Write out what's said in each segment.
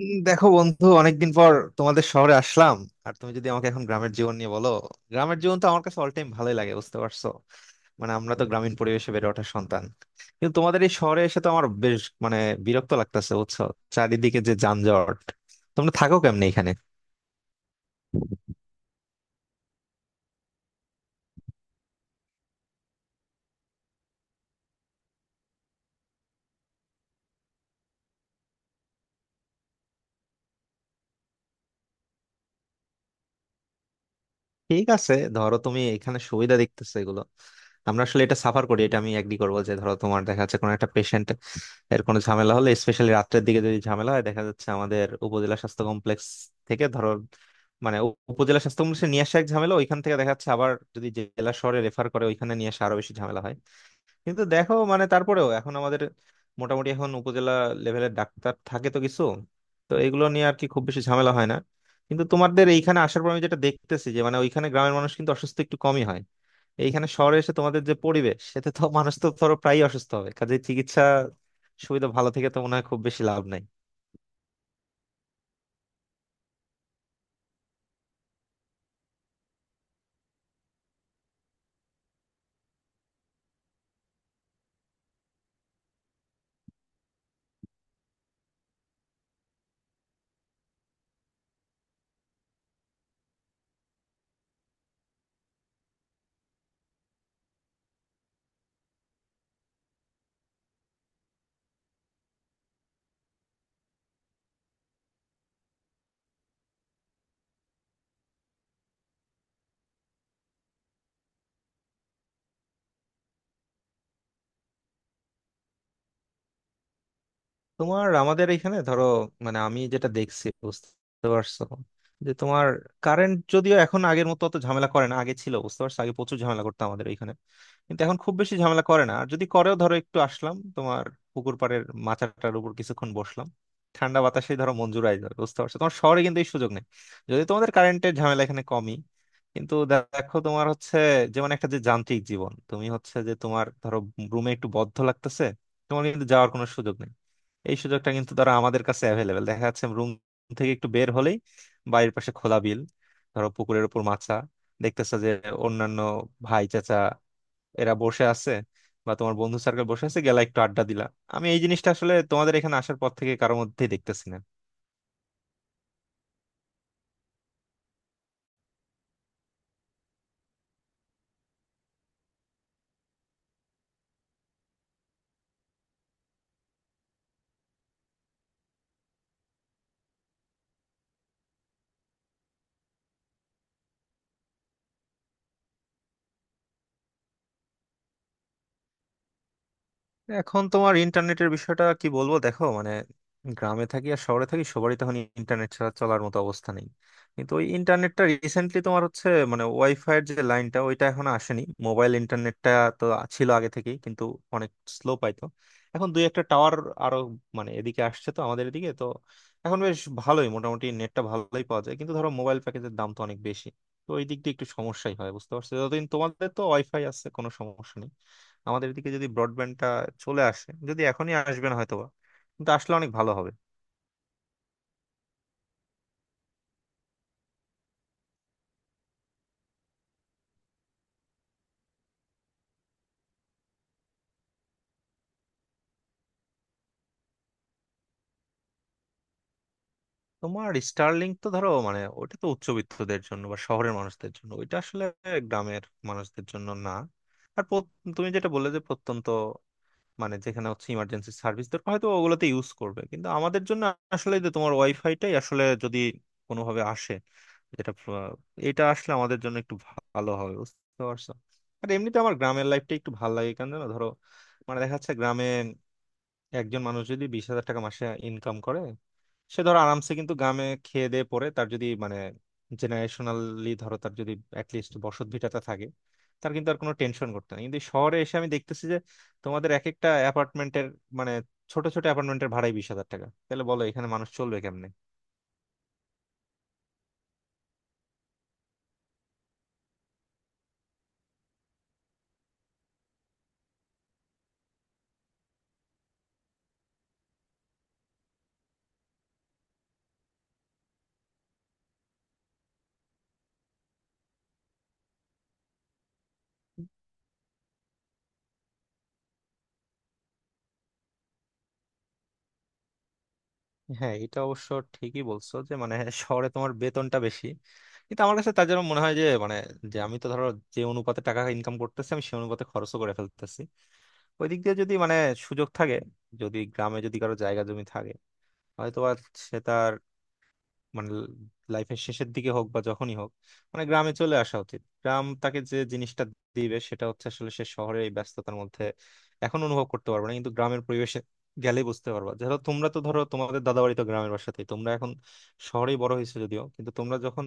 দেখো বন্ধু, অনেকদিন পর তোমাদের শহরে আসলাম। আর তুমি যদি আমাকে এখন গ্রামের জীবন নিয়ে বলো, গ্রামের জীবন তো আমার কাছে অল টাইম ভালোই লাগে, বুঝতে পারছো? মানে আমরা তো গ্রামীণ পরিবেশে বেড়ে ওঠা সন্তান। কিন্তু তোমাদের এই শহরে এসে তো আমার বেশ বিরক্ত লাগতেছে, বুঝছো? চারিদিকে যে যানজট, তোমরা থাকো কেমনে এখানে? ঠিক আছে, ধরো তুমি এখানে সুবিধা দেখতেছো এগুলো, আমরা আসলে এটা সাফার করি। এটা আমি এগ্রি করবো যে ধরো তোমার দেখা যাচ্ছে কোনো একটা পেশেন্ট এর কোনো ঝামেলা হলে, স্পেশালি রাত্রের দিকে যদি ঝামেলা হয়, দেখা যাচ্ছে আমাদের উপজেলা স্বাস্থ্য কমপ্লেক্স থেকে ধরো, মানে উপজেলা স্বাস্থ্য কমপ্লেক্সে নিয়ে আসা এক ঝামেলা, ওইখান থেকে দেখা যাচ্ছে আবার যদি জেলা শহরে রেফার করে, ওইখানে নিয়ে আসা আরো বেশি ঝামেলা হয়। কিন্তু দেখো, মানে তারপরেও এখন আমাদের মোটামুটি এখন উপজেলা লেভেলের ডাক্তার থাকে তো কিছু, তো এগুলো নিয়ে আর কি খুব বেশি ঝামেলা হয় না। কিন্তু তোমাদের এইখানে আসার পর আমি যেটা দেখতেছি যে মানে ওইখানে গ্রামের মানুষ কিন্তু অসুস্থ একটু কমই হয়। এইখানে শহরে এসে তোমাদের যে পরিবেশ, সেটা তো মানুষ তো ধরো প্রায়ই অসুস্থ হবে, কাজে চিকিৎসা সুবিধা ভালো থেকে তো মনে হয় খুব বেশি লাভ নাই। তোমার আমাদের এখানে ধরো, মানে আমি যেটা দেখছি বুঝতে পারছো, যে তোমার কারেন্ট যদিও এখন আগের মতো অত ঝামেলা করে না, আগে ছিল বুঝতে পারছো, আগে প্রচুর ঝামেলা করতো আমাদের এখানে, কিন্তু এখন খুব বেশি ঝামেলা করে না। আর যদি করেও, ধরো একটু আসলাম তোমার পুকুর পাড়ের মাচাটার উপর, কিছুক্ষণ বসলাম ঠান্ডা বাতাসে, ধরো মঞ্জুর আয় ধরো, বুঝতে পারছো, তোমার শহরে কিন্তু এই সুযোগ নেই। যদি তোমাদের কারেন্টের ঝামেলা এখানে কমই, কিন্তু দেখো তোমার হচ্ছে যেমন একটা যে যান্ত্রিক জীবন, তুমি হচ্ছে যে তোমার ধরো রুমে একটু বদ্ধ লাগতেছে, তোমার কিন্তু যাওয়ার কোনো সুযোগ নেই। এই সুযোগটা কিন্তু ধরো আমাদের কাছে অ্যাভেলেবেল, দেখা যাচ্ছে রুম থেকে একটু বের হলেই বাড়ির পাশে খোলা বিল, ধরো পুকুরের উপর মাছা, দেখতেছো যে অন্যান্য ভাই চাচা এরা বসে আছে, বা তোমার বন্ধু সার্কেল বসে আছে, গেলা একটু আড্ডা দিলা। আমি এই জিনিসটা আসলে তোমাদের এখানে আসার পর থেকে কারোর মধ্যেই দেখতেছি না। এখন তোমার ইন্টারনেটের বিষয়টা কি বলবো, দেখো মানে গ্রামে থাকি আর শহরে থাকি, সবারই তখন ইন্টারনেট ছাড়া চলার মতো অবস্থা নেই। কিন্তু ওই ইন্টারনেটটা রিসেন্টলি তোমার হচ্ছে, মানে ওয়াইফাই এর যে লাইনটা ওইটা এখন আসেনি, মোবাইল ইন্টারনেটটা তো ছিল আগে থেকেই, কিন্তু অনেক স্লো পাইতো। এখন দুই একটা টাওয়ার আরো মানে এদিকে আসছে, তো আমাদের এদিকে তো এখন বেশ ভালোই, মোটামুটি নেটটা ভালোই পাওয়া যায়। কিন্তু ধরো মোবাইল প্যাকেজের দাম তো অনেক বেশি, তো ওই দিক দিয়ে একটু সমস্যাই হয়, বুঝতে পারছো? যতদিন তোমাদের তো ওয়াইফাই আছে, কোনো সমস্যা নেই। আমাদের দিকে যদি ব্রডব্যান্ডটা চলে আসে, যদি এখনই আসবে না হয়তোবা, কিন্তু আসলে অনেক ভালো হবে। তোমার স্টারলিংক তো ধরো মানে ওটা তো উচ্চবিত্তদের জন্য বা শহরের মানুষদের জন্য, ওইটা আসলে গ্রামের মানুষদের জন্য না। আর তুমি যেটা বললে যে প্রত্যন্ত, মানে যেখানে হচ্ছে ইমার্জেন্সি সার্ভিস দরকার, হয়তো ওগুলোতে ইউজ করবে। কিন্তু আমাদের জন্য আসলে যে তোমার ওয়াইফাইটাই আসলে যদি কোনোভাবে আসে, যেটা এটা আসলে আমাদের জন্য একটু ভালো হবে, বুঝতে পারছো? আর এমনিতে আমার গ্রামের লাইফটা একটু ভালো লাগে, কেন জানো? ধরো মানে দেখা যাচ্ছে গ্রামে একজন মানুষ যদি 20,000 টাকা মাসে ইনকাম করে, সে ধরো আরামসে কিন্তু গ্রামে খেয়ে দিয়ে পরে তার যদি মানে জেনারেশনালি ধরো তার যদি অ্যাটলিস্ট বসত ভিটাটা থাকে, তার কিন্তু আর কোনো টেনশন করতে নেই। কিন্তু শহরে এসে আমি দেখতেছি যে তোমাদের এক একটা অ্যাপার্টমেন্টের, মানে ছোট ছোট অ্যাপার্টমেন্টের ভাড়াই 20,000 টাকা, তাহলে বলো এখানে মানুষ চলবে কেমনে? হ্যাঁ, এটা অবশ্য ঠিকই বলছো যে মানে শহরে তোমার বেতনটা বেশি, কিন্তু আমার কাছে তার জন্য মনে হয় যে মানে যে আমি তো ধরো যে অনুপাতে টাকা ইনকাম করতেছি, আমি সে অনুপাতে খরচও করে ফেলতেছি। ওই দিক দিয়ে যদি মানে সুযোগ থাকে, যদি গ্রামে যদি কারো জায়গা জমি থাকে, হয়তো বা সে তার মানে লাইফের শেষের দিকে হোক বা যখনই হোক, মানে গ্রামে চলে আসা উচিত। গ্রাম তাকে যে জিনিসটা দিবে, সেটা হচ্ছে আসলে সে শহরের এই ব্যস্ততার মধ্যে এখন অনুভব করতে পারবে না, কিন্তু গ্রামের পরিবেশে গেলেই বুঝতে পারবা। ধরো তোমরা তো ধরো তোমাদের দাদাবাড়ি তো গ্রামের বাসাতেই, তোমরা এখন শহরেই বড় হয়েছো যদিও, কিন্তু তোমরা যখন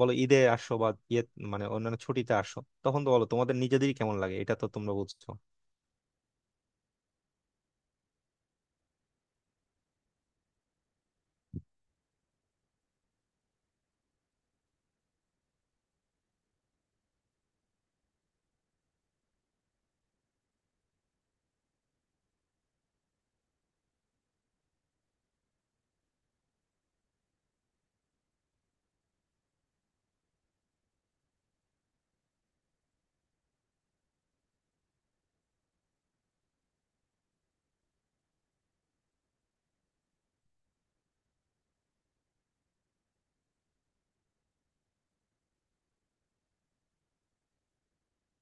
বলো ঈদে আসো বা ইয়ে মানে অন্যান্য ছুটিতে আসো, তখন তো বলো তোমাদের নিজেদেরই কেমন লাগে, এটা তো তোমরা বুঝছো।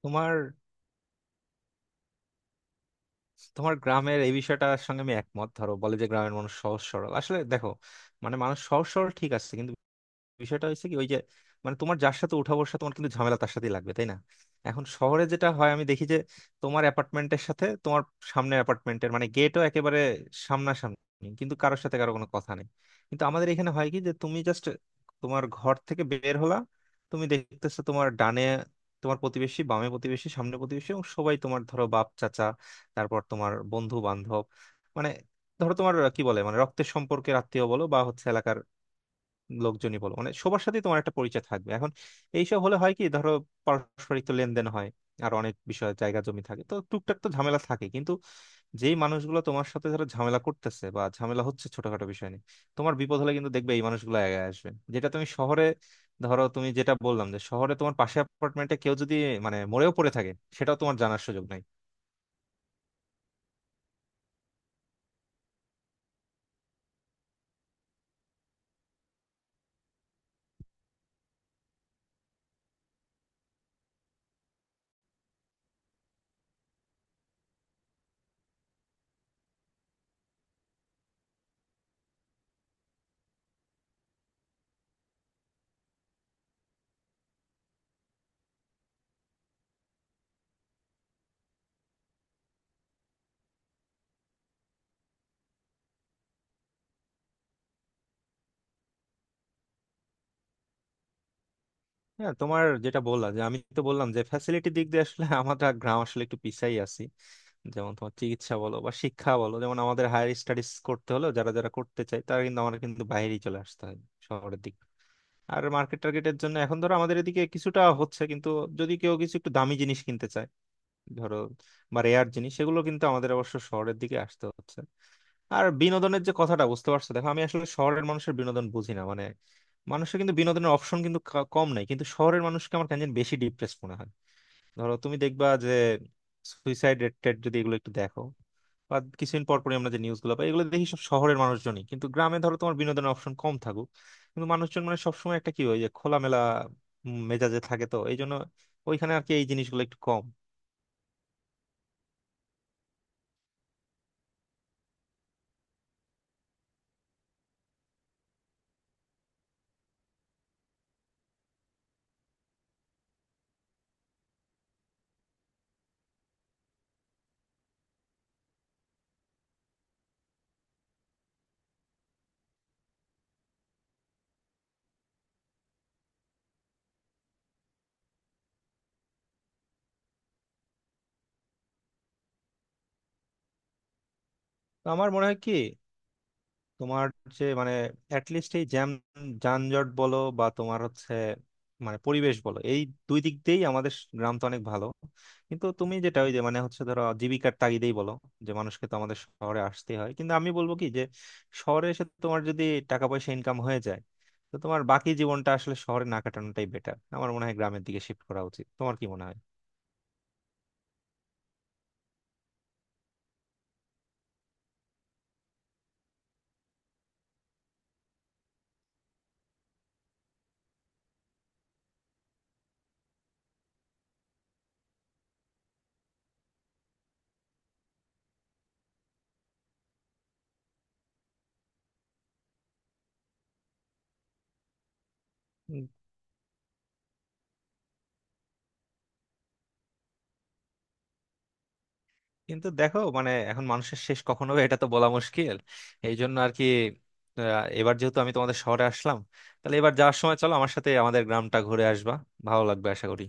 তোমার তোমার গ্রামের এই বিষয়টার সঙ্গে আমি একমত, ধরো বলে যে গ্রামের মানুষ সহজ সরল। আসলে দেখো মানে মানুষ সহজ সরল ঠিক আছে, কিন্তু বিষয়টা হয়েছে কি, ওই যে মানে তোমার যার সাথে উঠা বসা, তোমার কিন্তু ঝামেলা তার সাথেই লাগবে, তাই না? এখন শহরে যেটা হয় আমি দেখি যে তোমার অ্যাপার্টমেন্টের সাথে তোমার সামনে অ্যাপার্টমেন্টের মানে গেটও একেবারে সামনাসামনি, কিন্তু কারোর সাথে কারো কোনো কথা নেই। কিন্তু আমাদের এখানে হয় কি যে তুমি জাস্ট তোমার ঘর থেকে বের হলা, তুমি দেখতেছো তোমার ডানে তোমার প্রতিবেশী, বামে প্রতিবেশী, সামনে প্রতিবেশী, এবং সবাই তোমার ধরো বাপ চাচা, তারপর তোমার বন্ধু বান্ধব, মানে ধরো তোমার কি বলে মানে রক্তের সম্পর্কের আত্মীয় বলো বা হচ্ছে লোকজনই বলো, মানে সবার সাথেই তোমার একটা পরিচয় থাকবে। এখন এইসব হলে হয় কি, ধরো পারস্পরিক তো লেনদেন হয়, আর অনেক বিষয় জায়গা জমি থাকে তো টুকটাক তো ঝামেলা থাকে। কিন্তু যেই মানুষগুলো তোমার সাথে ধরো ঝামেলা করতেছে বা ঝামেলা হচ্ছে ছোটখাটো বিষয় নিয়ে, তোমার বিপদ হলে কিন্তু দেখবে এই মানুষগুলো আগে আসবে, যেটা তুমি শহরে, ধরো তুমি যেটা বললাম যে শহরে তোমার পাশে অ্যাপার্টমেন্টে কেউ যদি মানে মরেও পড়ে থাকে, সেটাও তোমার জানার সুযোগ নাই। হ্যাঁ, তোমার যেটা বললাম যে আমি তো বললাম যে ফ্যাসিলিটি দিক দিয়ে আসলে আমাদের গ্রাম আসলে একটু পিছাই আছি। যেমন তোমার চিকিৎসা বলো বা শিক্ষা বলো, যেমন আমাদের হায়ার স্টাডিজ করতে হলো, যারা যারা করতে চায় তারা কিন্তু আমাদের কিন্তু বাইরেই চলে আসতে হয়, শহরের দিকে। আর মার্কেট টার্গেটের জন্য এখন ধরো আমাদের এদিকে কিছুটা হচ্ছে, কিন্তু যদি কেউ কিছু একটু দামি জিনিস কিনতে চায় ধরো বা রেয়ার জিনিস, সেগুলো কিন্তু আমাদের অবশ্য শহরের দিকে আসতে হচ্ছে। আর বিনোদনের যে কথাটা, বুঝতে পারছো, দেখো আমি আসলে শহরের মানুষের বিনোদন বুঝি না, মানে মানুষের কিন্তু বিনোদনের অপশন কিন্তু কম নাই, কিন্তু শহরের মানুষকে আমার কেন জানি বেশি ডিপ্রেস মনে হয়। ধরো তুমি দেখবা যে সুইসাইড রেট টেট যদি এগুলো একটু দেখো বা কিছুদিন পর পরই আমরা যে নিউজ গুলো পাই, এগুলো দেখি সব শহরের মানুষজনই। কিন্তু গ্রামে ধরো তোমার বিনোদনের অপশন কম থাকুক, কিন্তু মানুষজন মানে সবসময় একটা কি হয় যে খোলামেলা মেজাজে থাকে, তো এই জন্য ওইখানে আর কি এই জিনিসগুলো একটু কম। তো আমার মনে হয় কি, তোমার যে মানে অ্যাটলিস্ট এই জ্যাম যানজট বলো বা তোমার হচ্ছে মানে পরিবেশ বলো, এই দুই দিক দিয়েই আমাদের গ্রাম তো অনেক ভালো। কিন্তু তুমি যেটা ওই যে মানে হচ্ছে ধরো জীবিকার তাগিদেই বলো, যে মানুষকে তো আমাদের শহরে আসতেই হয়। কিন্তু আমি বলবো কি যে শহরে এসে তোমার যদি টাকা পয়সা ইনকাম হয়ে যায়, তো তোমার বাকি জীবনটা আসলে শহরে না কাটানোটাই বেটার, আমার মনে হয় গ্রামের দিকে শিফট করা উচিত। তোমার কি মনে হয়? কিন্তু দেখো মানে এখন মানুষের শেষ কখন হবে এটা তো বলা মুশকিল, এই জন্য আর কি। এবার যেহেতু আমি তোমাদের শহরে আসলাম, তাহলে এবার যাওয়ার সময় চলো আমার সাথে আমাদের গ্রামটা ঘুরে আসবা, ভালো লাগবে আশা করি।